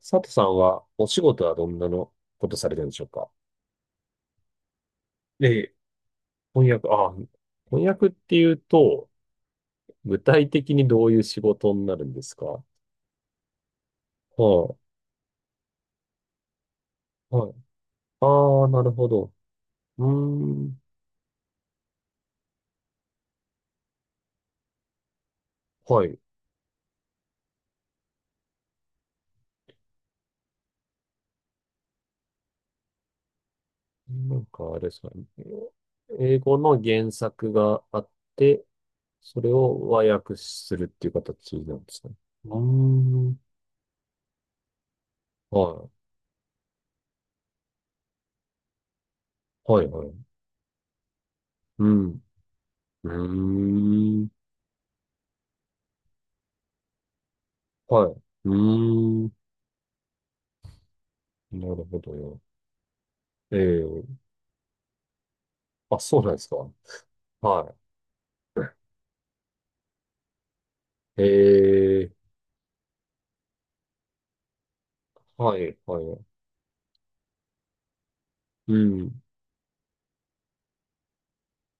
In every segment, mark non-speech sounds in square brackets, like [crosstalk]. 佐藤さんはお仕事はどんなのことされてるんでしょうか？で、翻訳、ああ、翻訳っていうと、具体的にどういう仕事になるんですか？はい、はい。ああ、なるほど。うーん、はい。なんかあれですかね。英語の原作があって、それを和訳するっていう形なんですね。うーん、はい、はい、はい。うん、うーん、はい。うーん、なるほどよ。ええ、あ、そうなんですか。はい。ええ、はい、はい。うん。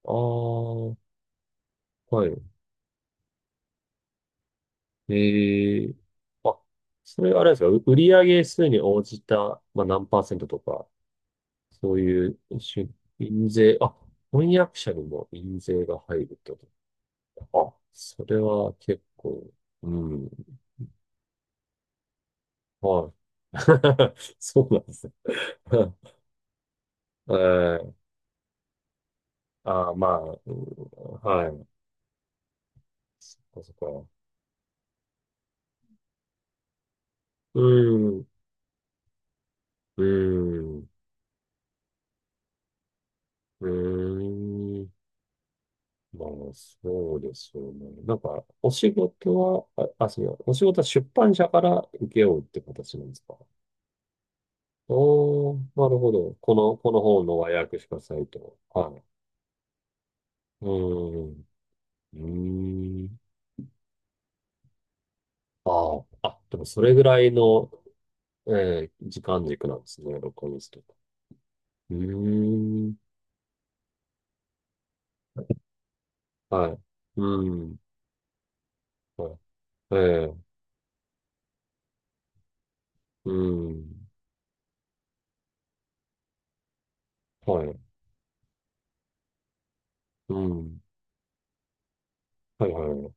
ああ、はい。ええ、あ、それあれですか？売上数に応じた、まあ、何パーセントとか、そういう、印税、あ、翻訳者にも印税が入るってことか。あ、それは結構、うん。はい。[laughs] そうなんですね。[laughs] ええ、ああ、まあ、うん、はい。そっか、そっか。うん。うん。うん。まあ、そうですよね。なんか、お仕事は、そうや、お仕事は出版社から請け負うって形なんですか？おー、なるほど。この、この本の和訳しかサイト。はい。うーん。うーん。ああ、あ、でもそれぐらいの、時間軸なんですね、録音室とか。うーん。はい。うーん。はい。ええ、うーん。はい。うん。はいはい。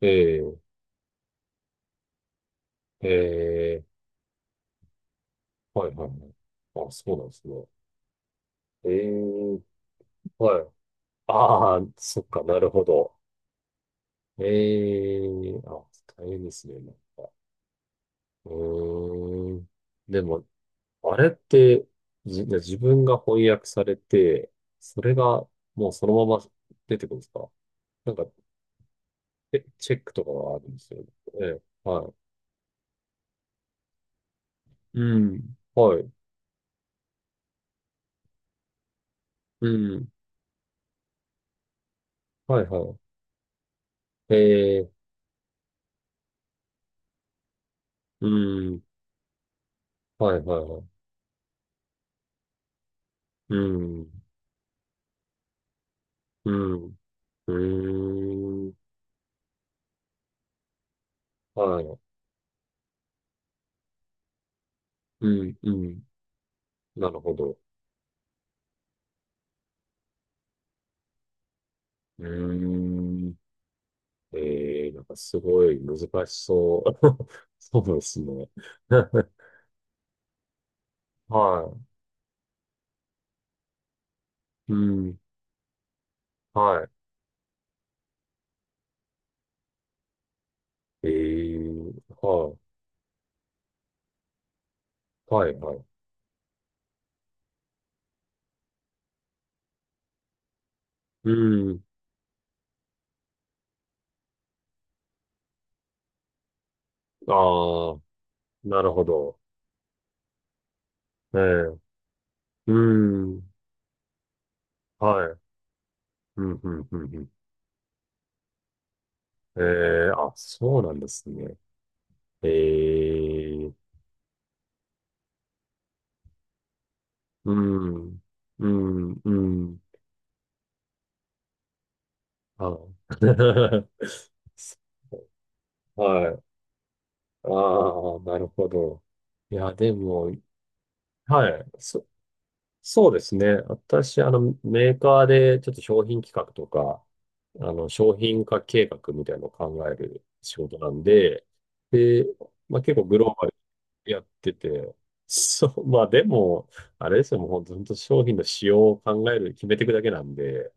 ええ、ええ、はいはいはい。あ、そうなんですね。ええ、はい。ああ、そっか、なるほど。ええ、あ、大変ですね、なんか。うーん。でも、あれって、自分が翻訳されて、それがもうそのまま出てくるんですか？なんか、チェックとかがあるんですよね。ええ、はい。うん。はい。うん。はいはい。ええ、うん。はいはいはい。うん。うん。うーん。はい。うん、うん。なるほど。うーん。なんかすごい難しそう。[laughs] そうですね。[laughs] はい。うん。はい。はい。はい、はい。うん。ああ、なるほど。ええ、うん。はい。うん、うん、うん、うん。ええ、あ、そうなんですね。ええ、うん。うん、うん。あー [laughs] はい。ああ、なるほど。いや、でも、はい。そうですね。私、あの、メーカーでちょっと商品企画とか、あの、商品化計画みたいなのを考える仕事なんで、で、まあ、結構グローバルにやってて、そう、まあでも、あれですよ、もう本当、本当商品の仕様を考える、決めていくだけなんで、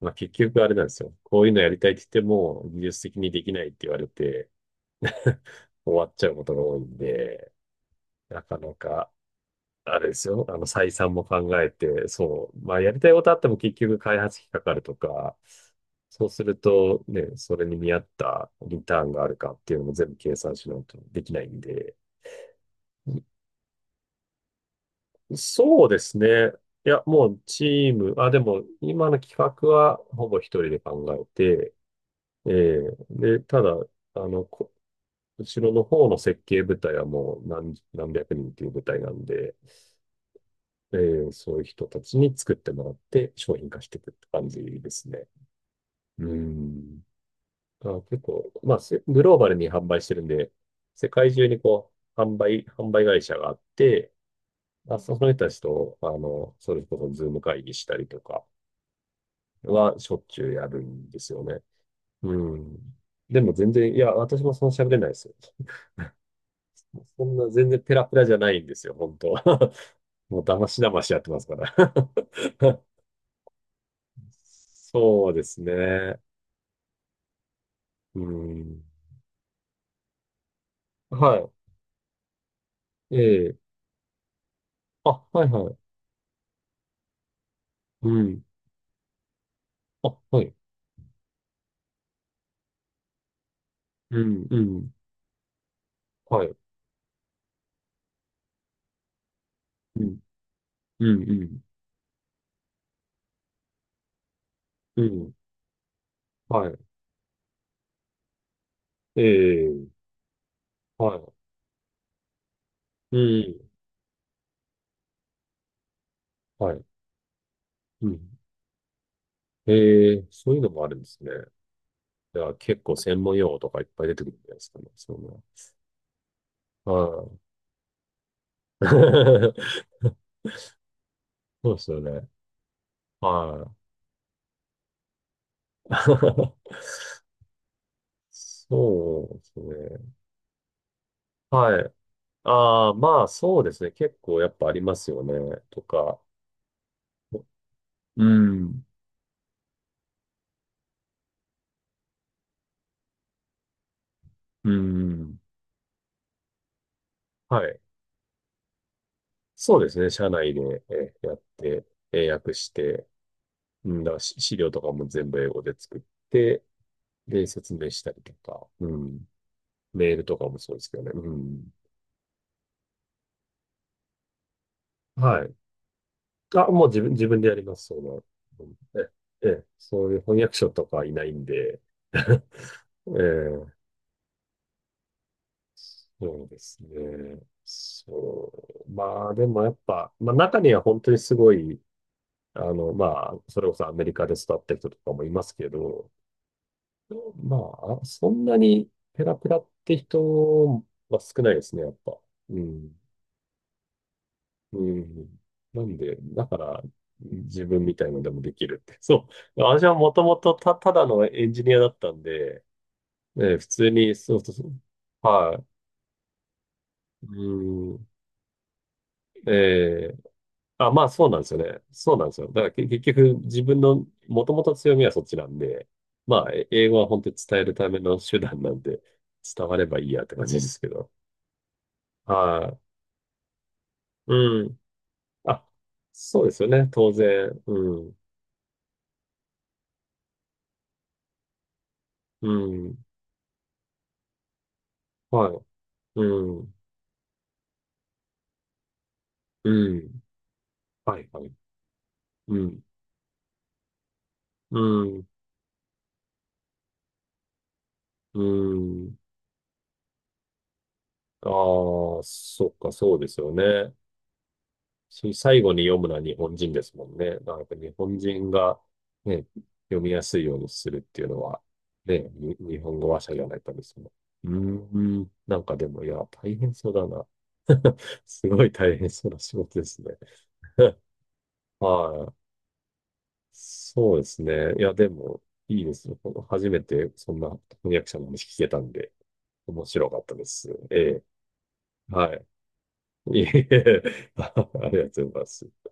まあ結局あれなんですよ。こういうのやりたいって言っても、技術的にできないって言われて、終わっちゃうことが多いんで、なかなか、あれですよ、あの、採算も考えて、そう、まあ、やりたいことあっても結局開発費かかるとか、そうするとね、それに見合ったリターンがあるかっていうのも全部計算しないとできないんで、そうですね。いや、もうチーム、あ、でも今の企画はほぼ一人で考えて、ええ、で、ただ、あの、後ろの方の設計部隊はもう何百人っていう部隊なんで、そういう人たちに作ってもらって商品化していくって感じですね。うん。あ、結構、まあ、グローバルに販売してるんで、世界中にこう、販売会社があって、まあ、その人たちと、あの、それこそズーム会議したりとかはしょっちゅうやるんですよね。うん。でも全然、いや、私もそんな喋れないですよ。[laughs] そんな全然ペラペラじゃないんですよ、本当 [laughs] もう騙し騙しやってますから [laughs] そうですね。うん。はい。ええ。あ、はいはい。うん。あ、はい。うん、うん。はい。うん、うん、うん。うん。はい。ええ。はい。うん。はい。うん。ええ、そういうのもあるんですね。じゃあ結構専門用語とかいっぱい出てくるんじゃないですかね。そういうのは。はい。[laughs] そうですよね。はい。[laughs] そうですね。はい。ああ、まあそうですね。結構やっぱありますよね。とか。うん。うん。はい。そうですね。社内で、やって、英訳して、うん、だから資料とかも全部英語で作って、で、説明したりとか、うん。メールとかもそうですけどね。うん。はい。あ、もう自分でやります。その、うん、そういう翻訳者とかいないんで、[laughs] ええ、そうですね。そう。まあ、でもやっぱ、まあ中には本当にすごいあの、まあ、それこそアメリカで育った人とかもいますけど、まあ、そんなにペラペラって人は少ないですね、やっぱ。うん。うん。なんで、だから、自分みたいのでもできるって。そう。私はもともとただのエンジニアだったんで、ね、普通に、そうそうそう。はい。うん。ええ、あ、まあそうなんですよね。そうなんですよ。だから結局自分の元々強みはそっちなんで、まあ英語は本当に伝えるための手段なんで、伝わればいいやって感じですけど。はい。うん。あ、そうですよね。当然。うん。うん。はい。うん。うん。はい、はい。うん。うん。うん。ああ、そっか、そうですよね。最後に読むのは日本人ですもんね。だからやっぱ日本人がね、読みやすいようにするっていうのは、ね、日本語話者じゃないとですね。うーん、なんかでも、いや、大変そうだな。[laughs] すごい大変そうな仕事ですね。[laughs] はい。そうですね。いや、でも、いいですよ。初めてそんな翻訳者の話聞けたんで、面白かったです。ええ。はい。いえいえ [laughs] ありがとうございます。